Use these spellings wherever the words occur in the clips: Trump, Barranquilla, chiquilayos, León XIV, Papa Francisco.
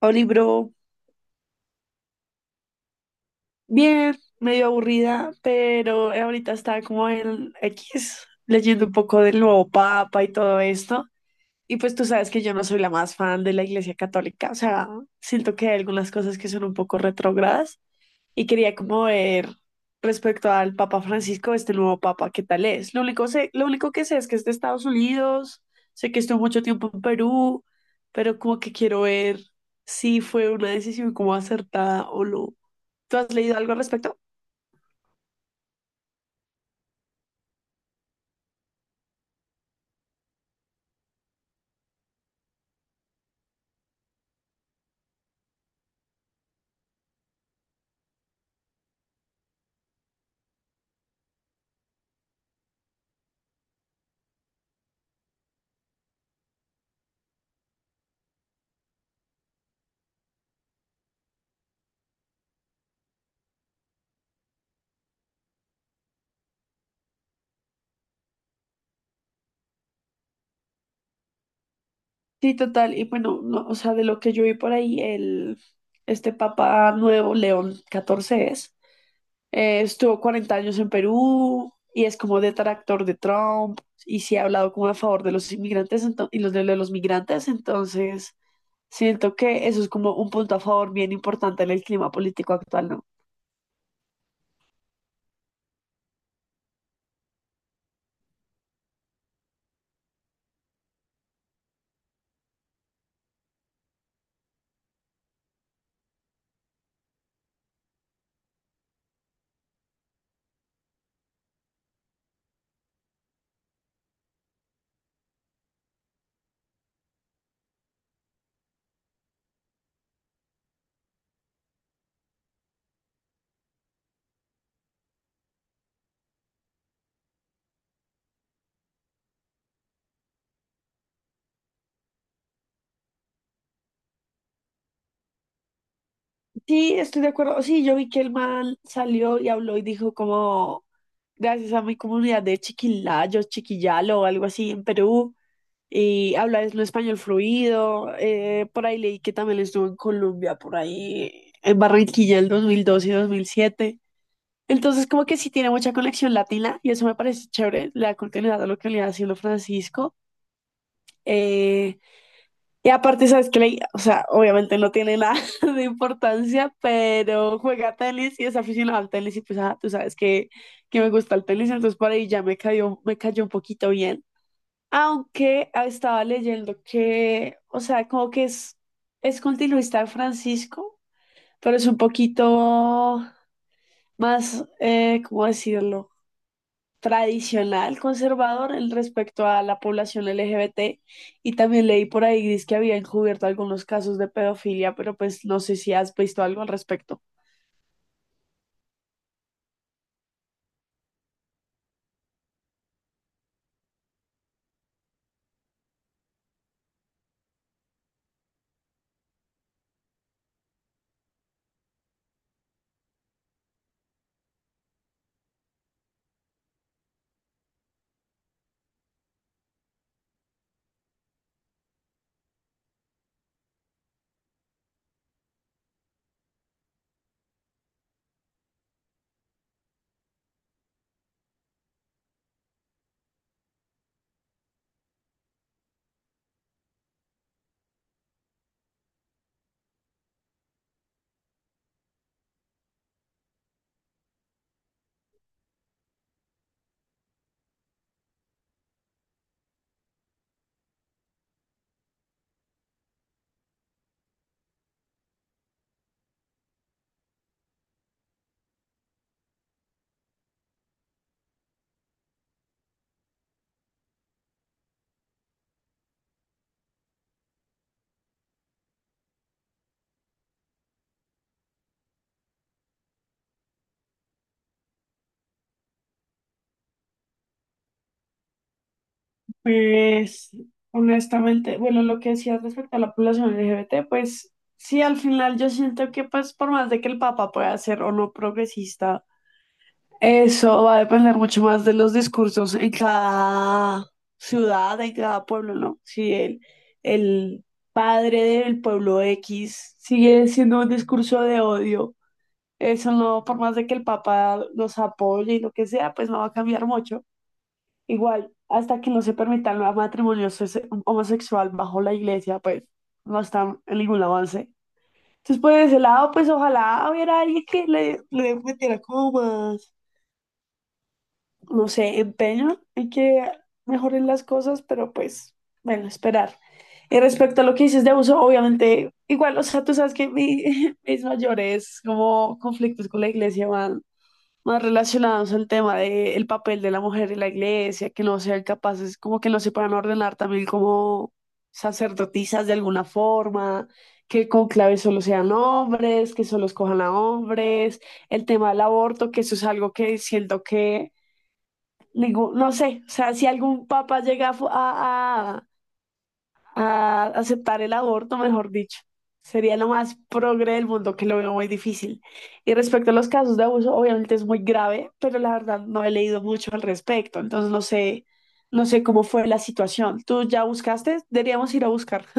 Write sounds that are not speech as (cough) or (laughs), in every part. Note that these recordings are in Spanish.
Oli, bro, bien, medio aburrida, pero ahorita está como el X leyendo un poco del nuevo Papa y todo esto. Y pues tú sabes que yo no soy la más fan de la Iglesia Católica, o sea, siento que hay algunas cosas que son un poco retrógradas y quería como ver respecto al Papa Francisco, este nuevo Papa, qué tal es. Lo único sé, lo único que sé es que es de Estados Unidos, sé que estuvo mucho tiempo en Perú, pero como que quiero ver si fue una decisión como acertada o no. ¿Tú has leído algo al respecto? Sí, total. Y bueno, no, o sea, de lo que yo vi por ahí, este papa nuevo, León XIV es, estuvo 40 años en Perú y es como detractor de Trump y sí ha hablado como a favor de los inmigrantes y de los migrantes. Entonces, siento que eso es como un punto a favor bien importante en el clima político actual, ¿no? Sí, estoy de acuerdo. Sí, yo vi que el man salió y habló y dijo como, gracias a mi comunidad de chiquilayos, chiquillalo o algo así en Perú, y habla es un español fluido. Por ahí leí que también estuvo en Colombia, por ahí en Barranquilla en 2002 y 2007. Entonces, como que sí tiene mucha conexión latina y eso me parece chévere, la continuidad a lo que le ha sido Francisco. Eh, y aparte, sabes que, o sea, obviamente no tiene nada (laughs) de importancia, pero juega tenis y es aficionado al tenis y pues, ah, tú sabes que me gusta el tenis, entonces por ahí ya me cayó un poquito bien. Aunque ah, estaba leyendo que, o sea, es continuista de Francisco, pero es un poquito más, ¿cómo decirlo? Tradicional, conservador en respecto a la población LGBT, y también leí por ahí dice que había encubierto algunos casos de pedofilia, pero pues no sé si has visto algo al respecto. Pues, honestamente, bueno, lo que decías respecto a la población LGBT, pues sí, al final yo siento que pues por más de que el Papa pueda ser o no progresista, eso va a depender mucho más de los discursos en cada ciudad, en cada pueblo, ¿no? Si el padre del pueblo X sigue siendo un discurso de odio, eso no, por más de que el Papa los apoye y lo que sea, pues no va a cambiar mucho. Igual, hasta que no se permitan los matrimonios homosexual bajo la iglesia, pues no está en ningún avance. Entonces, por ese lado, pues ojalá hubiera alguien que le metiera como más, no sé, empeño y que mejoren las cosas, pero pues, bueno, esperar. Y respecto a lo que dices de abuso, obviamente, igual, o sea, tú sabes que (laughs) mis mayores como conflictos con la iglesia van más relacionados al tema del papel de la mujer en la iglesia, que no sean capaces, como que no se puedan ordenar también como sacerdotisas de alguna forma, que con clave solo sean hombres, que solo escojan a hombres, el tema del aborto, que eso es algo que siento que, digo, no sé, o sea, si algún papá llega a, a aceptar el aborto, mejor dicho, sería lo más progre del mundo, que lo veo muy difícil. Y respecto a los casos de abuso, obviamente es muy grave, pero la verdad no he leído mucho al respecto, entonces no sé, no sé cómo fue la situación. ¿Tú ya buscaste? Deberíamos ir a buscar. (laughs)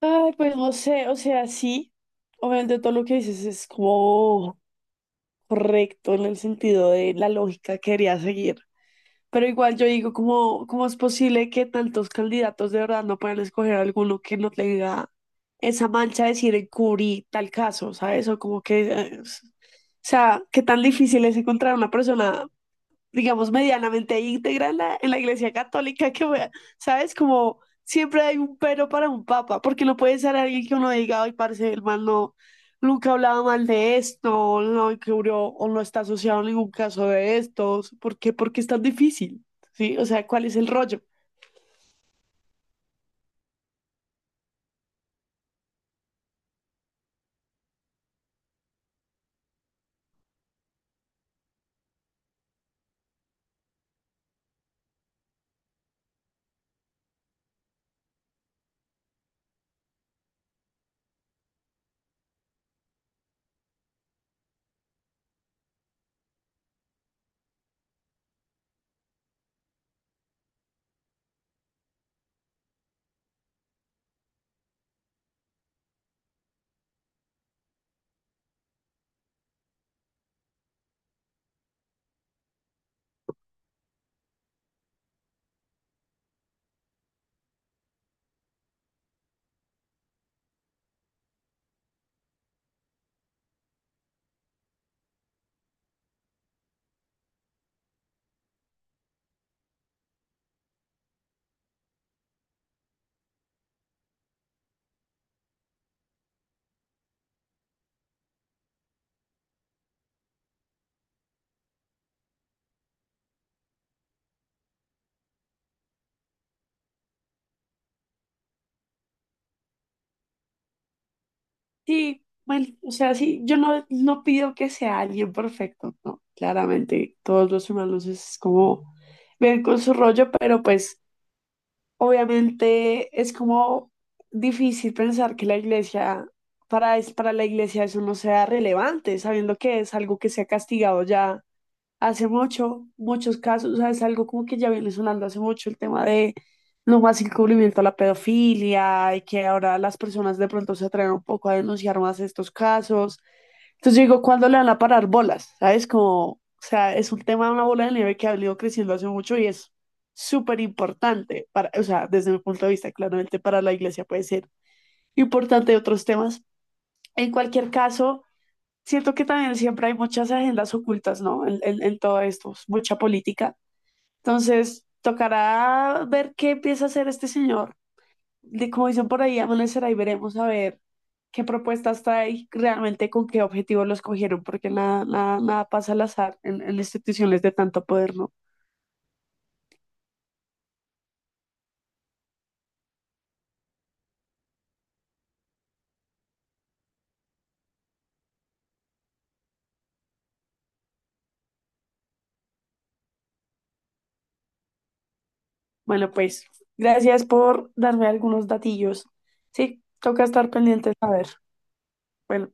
Ay, pues no sé, o sea, sí, obviamente todo lo que dices es como correcto en el sentido de la lógica que quería seguir. Pero igual yo digo, ¿cómo es posible que tantos candidatos de verdad no puedan escoger alguno que no tenga esa mancha de decir encubrí tal caso, ¿sabes? O como que, o sea, qué tan difícil es encontrar una persona, digamos, medianamente íntegra en en la Iglesia Católica, que, wea, ¿sabes? Como siempre hay un pero para un papa, porque no puede ser alguien que uno diga, ay, parece el man no, nunca hablaba mal de esto, no cubrió o no está asociado a ningún caso de estos, ¿por qué? Porque es tan difícil, ¿sí? O sea, ¿cuál es el rollo? Sí, bueno, o sea, sí, yo no, no pido que sea alguien perfecto, no, claramente, todos los humanos es como ven con su rollo, pero pues obviamente es como difícil pensar que la iglesia, para la iglesia eso no sea relevante, sabiendo que es algo que se ha castigado ya hace mucho, muchos casos, o sea, es algo como que ya viene sonando hace mucho el tema de no más encubrimiento a la pedofilia y que ahora las personas de pronto se atreven un poco a denunciar más estos casos. Entonces yo digo, ¿cuándo le van a parar bolas? ¿Sabes? Como, o sea, es un tema de una bola de nieve que ha venido creciendo hace mucho y es súper importante para, o sea, desde mi punto de vista, claramente para la iglesia puede ser importante de otros temas. En cualquier caso, siento que también siempre hay muchas agendas ocultas, ¿no? En todo esto, mucha política. Entonces, tocará ver qué empieza a hacer este señor, como dicen por ahí, amanecerá y veremos a ver qué propuestas trae, realmente con qué objetivo los cogieron, porque nada, nada, nada pasa al azar en instituciones de tanto poder, ¿no? Bueno, pues gracias por darme algunos datillos. Sí, toca estar pendientes a ver. Bueno,